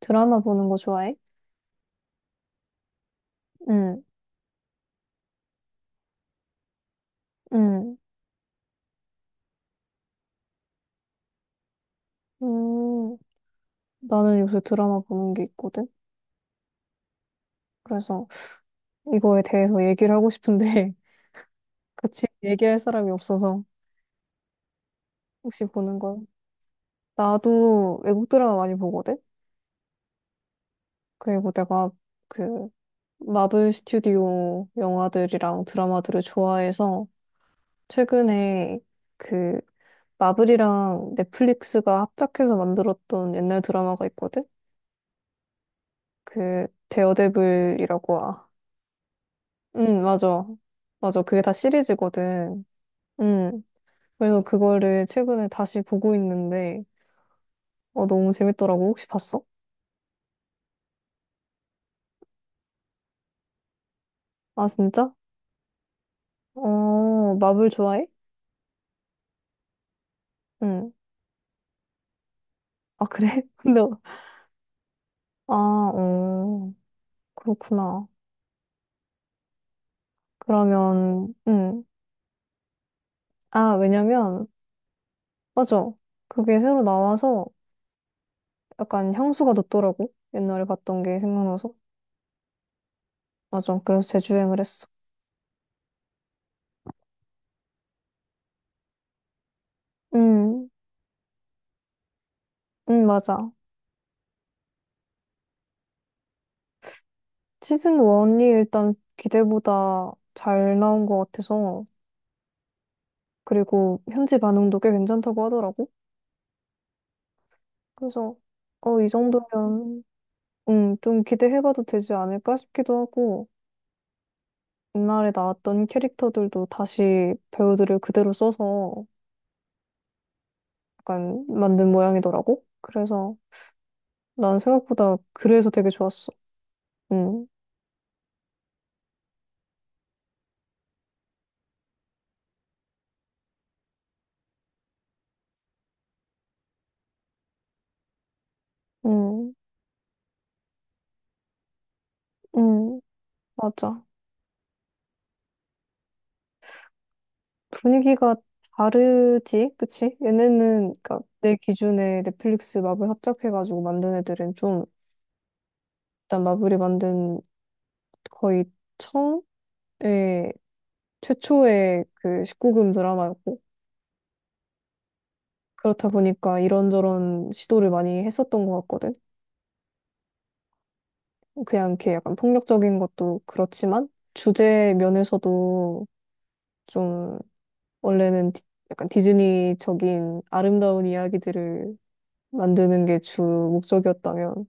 드라마 보는 거 좋아해? 응, 응. 음, 나는 요새 드라마 보는 게 있거든? 그래서 이거에 대해서 얘기를 하고 싶은데 같이 얘기할 사람이 없어서 혹시 보는 거, 나도 외국 드라마 많이 보거든? 그리고 내가 그 마블 스튜디오 영화들이랑 드라마들을 좋아해서 최근에 그 마블이랑 넷플릭스가 합작해서 만들었던 옛날 드라마가 있거든? 그 데어데블이라고. 아, 응, 맞아. 맞아. 그게 다 시리즈거든. 응. 그래서 그거를 최근에 다시 보고 있는데, 너무 재밌더라고. 혹시 봤어? 아, 진짜? 마블 좋아해? 응. 아, 그래? 근데, 아, 그렇구나. 그러면, 응. 아, 왜냐면, 맞아. 그게 새로 나와서 약간 향수가 돋더라고. 옛날에 봤던 게 생각나서. 맞아. 그래서 재주행을 했어. 응, 응, 맞아. 시즌 1이 일단 기대보다 잘 나온 것 같아서, 그리고 현지 반응도 꽤 괜찮다고 하더라고. 그래서, 이 정도면, 좀 기대해봐도 되지 않을까 싶기도 하고, 옛날에 나왔던 캐릭터들도 다시 배우들을 그대로 써서 약간 만든 모양이더라고. 그래서 난 생각보다 그래서 되게 좋았어. 음. 음. 음, 맞아. 분위기가 다르지, 그치? 얘네는, 그니까, 내 기준에 넷플릭스 마블 합작해가지고 만든 애들은 좀, 일단 마블이 만든 거의 처음에, 최초의 그 19금 드라마였고, 그렇다 보니까 이런저런 시도를 많이 했었던 것 같거든? 그냥 이렇게 약간 폭력적인 것도 그렇지만, 주제 면에서도 좀, 원래는 약간 디즈니적인 아름다운 이야기들을 만드는 게 주 목적이었다면,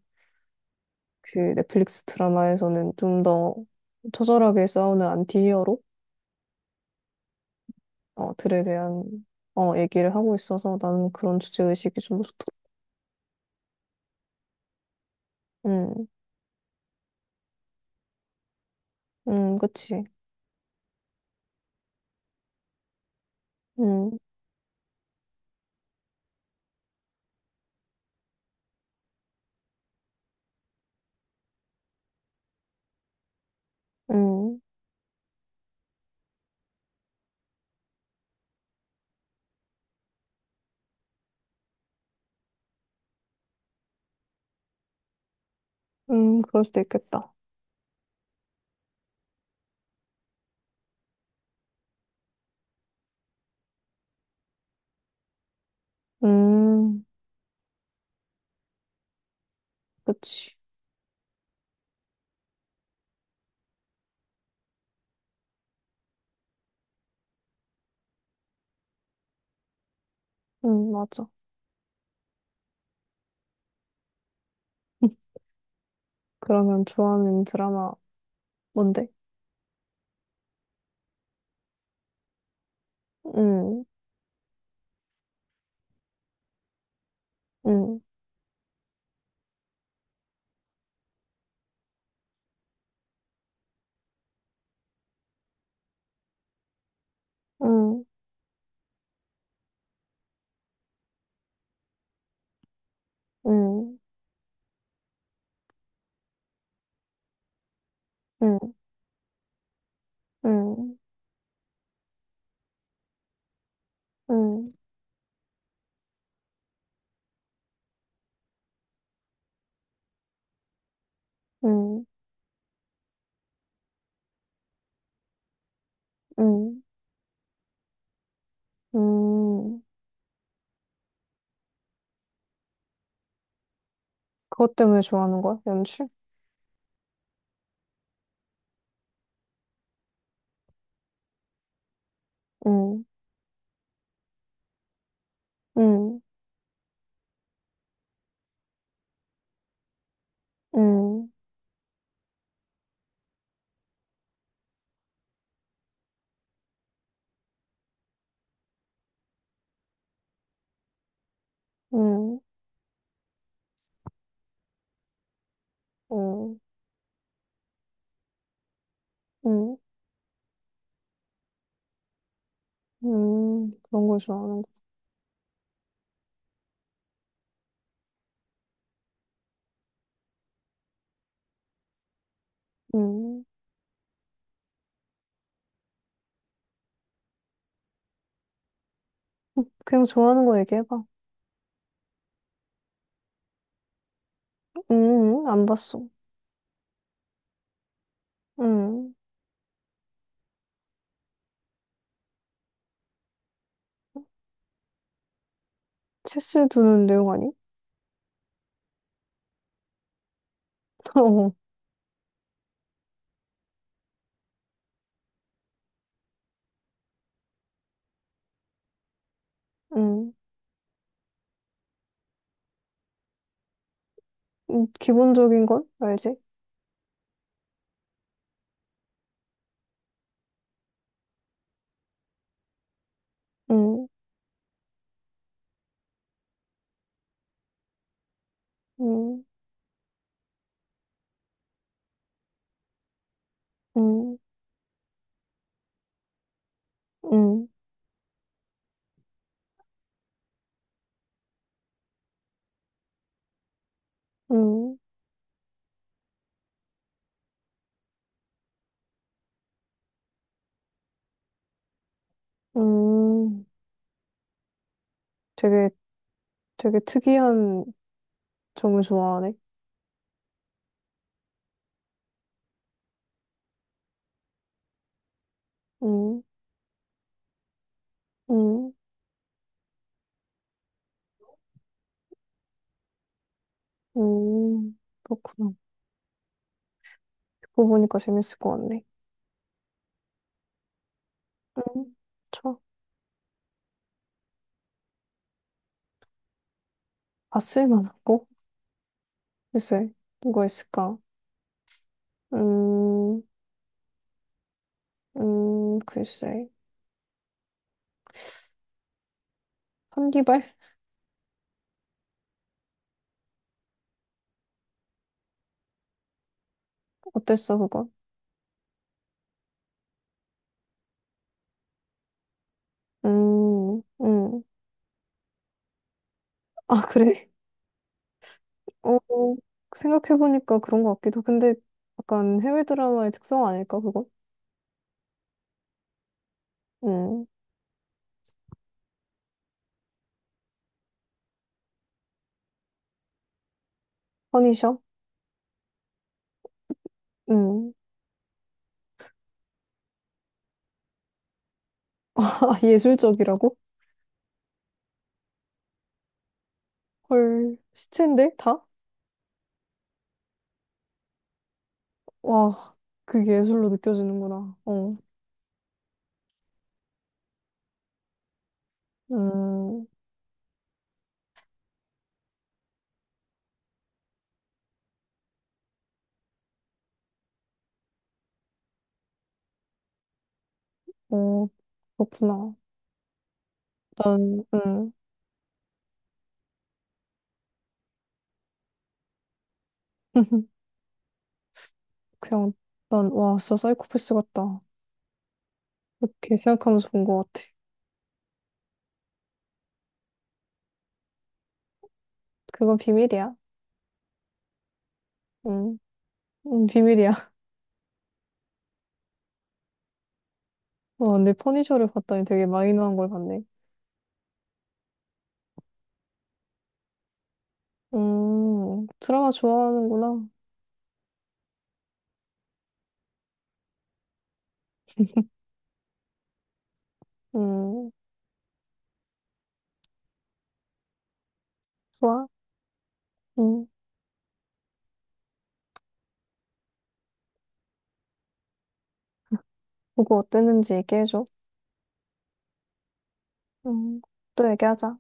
그 넷플릭스 드라마에서는 좀 더 처절하게 싸우는 안티히어로 들에 대한 얘기를 하고 있어서 나는 그런 주제의식이 좀 좋더라. 음. 음. 그치. 음. 음. 그럴 수도 있겠다. 음, 그치. 맞아. 그러면 좋아하는 드라마 뭔데? 음. 음. 음. 음. 음. 음. 음. 음. 음. 음. 그것 때문에 좋아하는 거야? 연출? 음. 음. 음. 음. 음. 음, 그런 걸 좋아하는 거. 음, 그냥 좋아하는 거 얘기해봐. 안 봤어. 음, 체스 두는 내용 아니? 어. 기본적인 건 알지? 음. 음. 음. 음. 음. 음, 되게, 되게 특이한 점을 좋아하네. 음. 음. 그렇구나. 듣고 보니까 재밌을 것 같네. 음, 좋아. 봤을 만하고. 글쎄, 뭐가 있을까? 음. 글쎄. 한디발? 어땠어, 그거? 음. 음. 아, 그래? 어, 생각해보니까 그런 것 같기도. 근데 약간 해외 드라마의 특성 아닐까, 그거? 음, 퍼니셔? 음. 아, 예술적이라고? 헐, 시체인데? 다? 와, 그게 예술로 느껴지는구나. 음, 어, 그렇구나. 난. 그냥, 난, 와, 진짜 사이코패스 같다. 그렇게 생각하면서 본 것 같아. 그건 비밀이야. 응, 응, 비밀이야. 와, 내 퍼니셔를 봤더니 되게 마이너한 걸 봤네. 드라마 좋아하는구나. 음, 좋아. 음, 보고 어땠는지 얘기해줘. 음, 또 얘기하자.